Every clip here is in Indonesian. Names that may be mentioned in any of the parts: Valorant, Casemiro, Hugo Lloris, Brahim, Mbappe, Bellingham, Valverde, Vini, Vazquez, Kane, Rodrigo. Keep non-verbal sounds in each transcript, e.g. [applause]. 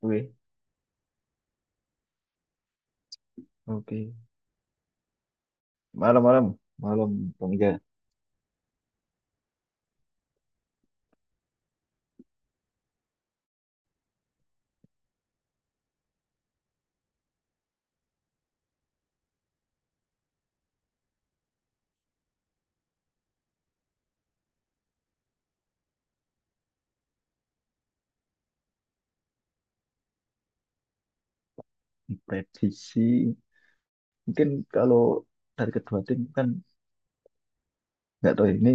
Oke, oke. Malam-malam, malam Bang Iga. Prediksi, mungkin kalau dari kedua tim kan nggak tahu ya, ini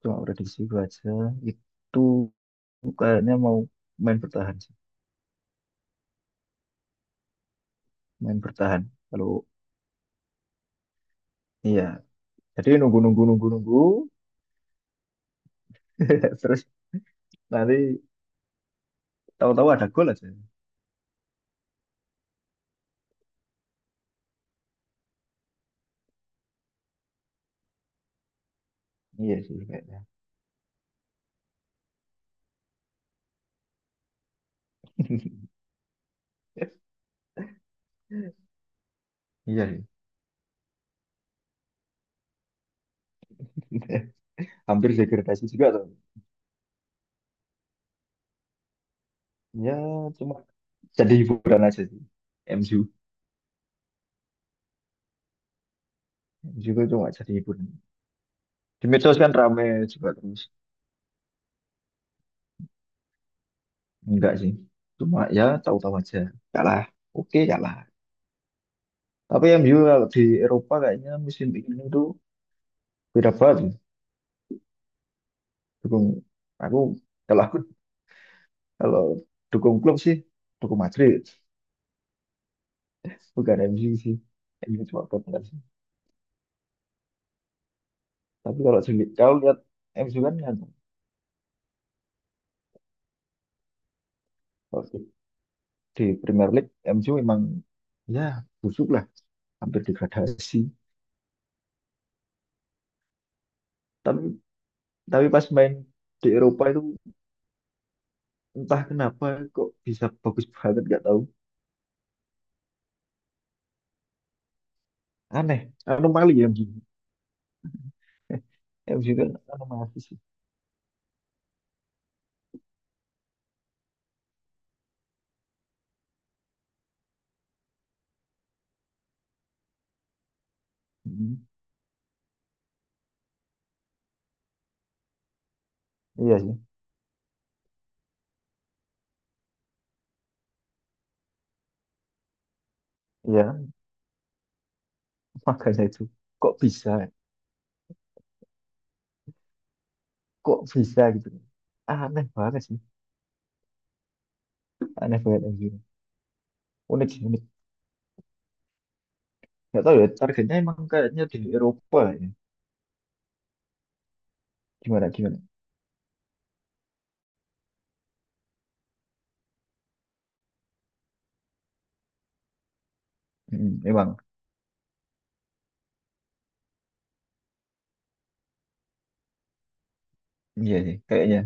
cuma prediksi gue aja. Itu kayaknya mau main bertahan sih, main bertahan. Kalau iya, jadi nunggu nunggu nunggu nunggu, [laughs] terus nanti tahu-tahu ada gol aja. Iya sih kayaknya. [laughs] Iya sih. [laughs] Hampir degradasi juga tuh. Ya, cuma jadi hiburan aja sih. MU, MU itu cuma jadi hiburan. Di medsos kan rame juga, terus enggak sih, cuma ya tahu-tahu aja kalah, oke kalah. Tapi MU kalau di Eropa kayaknya musim ini tuh beda banget. Dukung aku kalau aku kalau dukung klub sih, dukung Madrid, bukan MU sih. MU cuma partner sih, tapi kalau sendiri kau lihat MU kan kan ya. Kalau di Premier League MU memang ya busuk lah, hampir degradasi. Tapi tapi pas main di Eropa itu entah kenapa kok bisa bagus banget, nggak tahu. Aneh, anomali ya MCU. MCU [laughs] kan anomali sih. Hmm, iya sih. Iya kan? Makanya itu kok bisa kok bisa gitu, aneh banget sih. Aneh banget MCU, unik sih unik. Nggak tahu ya, targetnya emang kayaknya di Eropa ya. Gimana gimana. Hmm, emang. Iya sih kayaknya.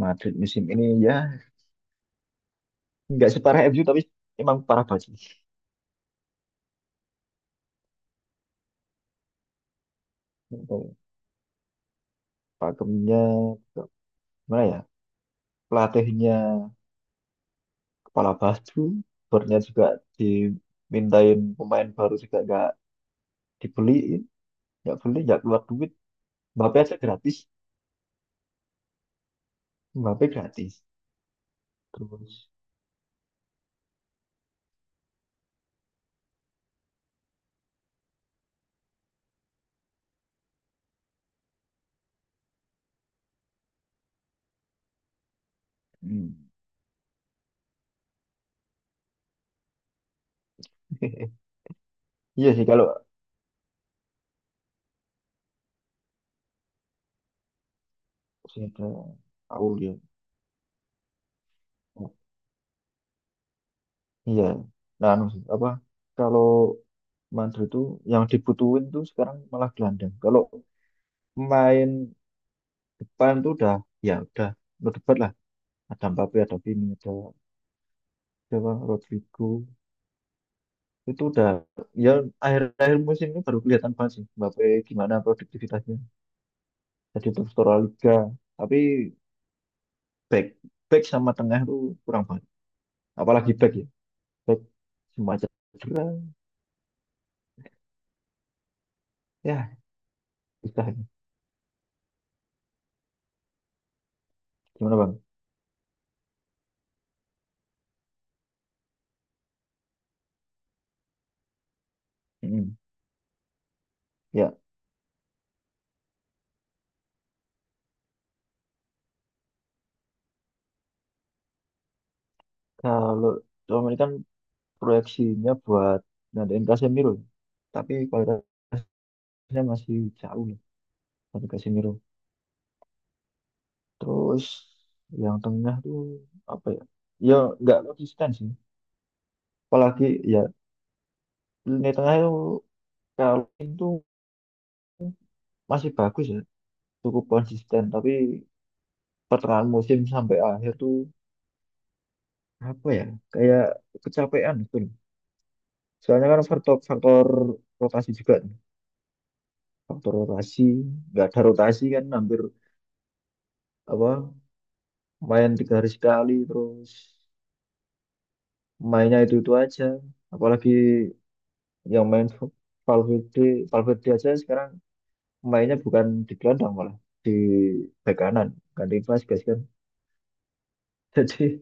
Madrid musim ini ya nggak separah MU, tapi emang parah banget sih. Nggak tahu, pakemnya nggak- gimana ya, pelatihnya kepala baju barunya juga, dimintain pemain baru juga nggak dibeliin, nggak beli, nggak keluar duit. Mbappe aja gratis, Mbappe gratis, terus hmm. [laughs] Iya sih, kalau saya ada, aku lihat. Iya, nah anu sih, apa, kalau Madrid tuh yang dibutuhin tuh sekarang malah gelandang. Kalau main depan tuh udah, ya udah berdebat lah, ada Mbappe, ada Vini, ada siapa Rodrigo. Itu udah, ya, akhir-akhir musim ini baru kelihatan banget sih Mbappe gimana produktivitasnya. Jadi struktural liga, tapi back back sama tengah tuh kurang banget. Apalagi back ya. Back semacam cedera. Ya, bisa. Gimana Bang? Mm, ya kalau cuma ini kan, proyeksinya buat ngadain Casemiro. Tapi kualitasnya masih jauh lah dari Casemiro. Terus yang tengah tuh apa ya? Ya nggak konsisten sih. Apalagi ya. Lini tengah itu kalau itu masih bagus ya, cukup konsisten. Tapi pertengahan musim sampai akhir tuh apa ya, kayak kecapean gitu loh. Soalnya kan faktor faktor rotasi juga, nih. Faktor rotasi, nggak ada rotasi kan, hampir apa, main 3 hari sekali terus mainnya itu aja. Apalagi yang main Valverde, Valverde, aja sekarang mainnya bukan di gelandang, malah di bek kanan, ganti Vazquez kan. [laughs] Jadi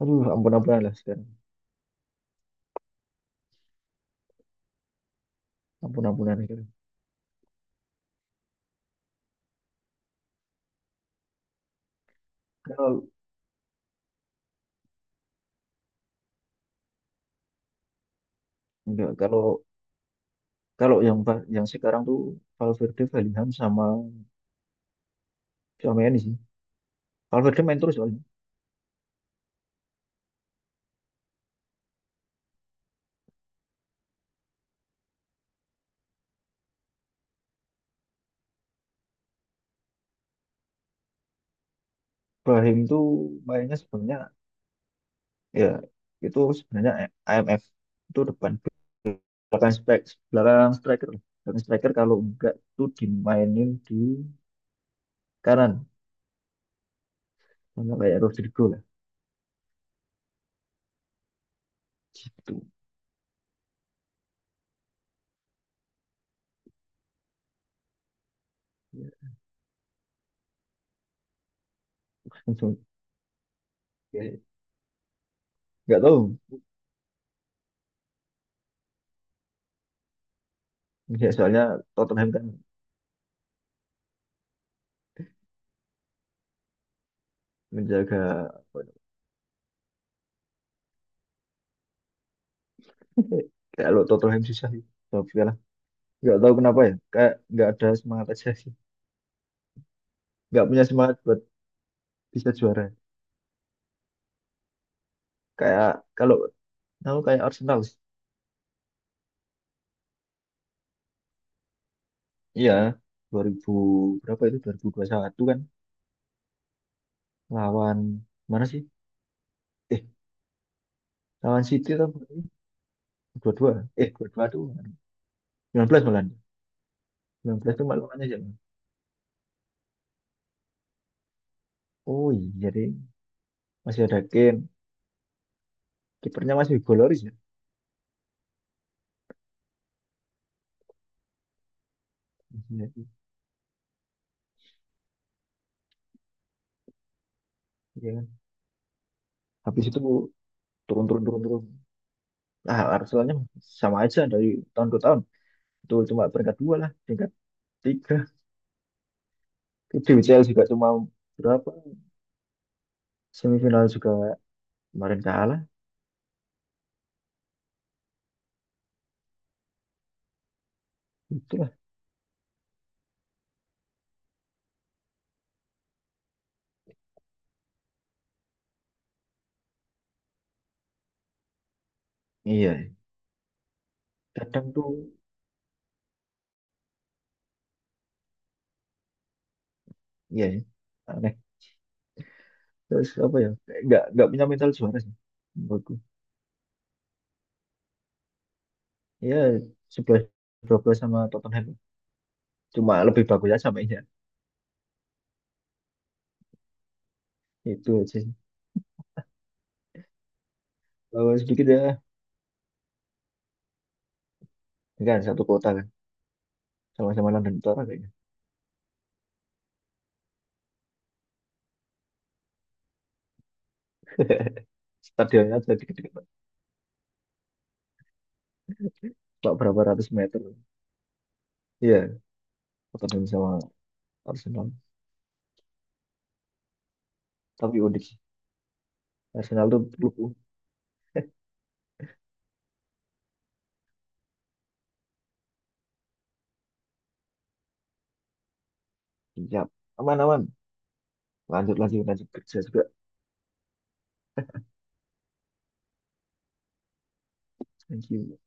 aduh, ampun-ampunan lah sekarang. Ampun-ampunan sekarang. Kalau enggak, kalau kalau yang ba- yang sekarang tuh Valverde, Bellingham sama sama ini sih. Valverde main terus soalnya. Brahim tuh mainnya sebenarnya, ya itu sebenarnya IMF, itu depan belakang strike belakang striker lah. Belakang striker kalau enggak tuh dimainin di kanan, sama kayak Rodrigo lah. Gitu. Ya, langsung. Ya, enggak tahu. Ya, soalnya Tottenham kan menjaga. Eh, kalau Tottenham susah sih kalau kalah. Nggak tahu kenapa ya. Kayak nggak ada semangat aja sih. Nggak punya semangat buat bisa juara. Kayak kalau tahu kayak Arsenal sih. Iya. 2000 berapa itu, 2021 kan, lawan mana sih? Eh, lawan City atau apa? 22. Eh, 22 tuh 19 malah. 19 tuh malah lawannya siapa? Oh iya, jadi masih ada Kane. Kipernya masih Hugo Lloris ya. Iya. Iya kan. Habis itu turun turun turun turun. Ah, Arsenalnya sama aja dari tahun ke tahun. Betul, cuma peringkat dua lah, peringkat tiga. Itu UCL juga cuma berapa, semifinal juga kemarin kalah. Itulah. Iya, kadang tuh, iya, ya, aneh. Terus apa ya, kayak nggak punya mental juara sih, menurutku. Iya, 11 12 sama Tottenham. Cuma lebih bagus aja, sama iya. Itu aja sih. Kalau sedikit ya, kan satu kota kan. Sama-sama London Utara kayaknya. [laughs] Stadionnya aja dikit-dikit, Pak, berapa ratus meter. Iya, Tottenham sama Arsenal. Tapi unik sih. Arsenal tuh klub. Siap, aman aman. Lanjut lanjut lanjut kerja juga. Thank you.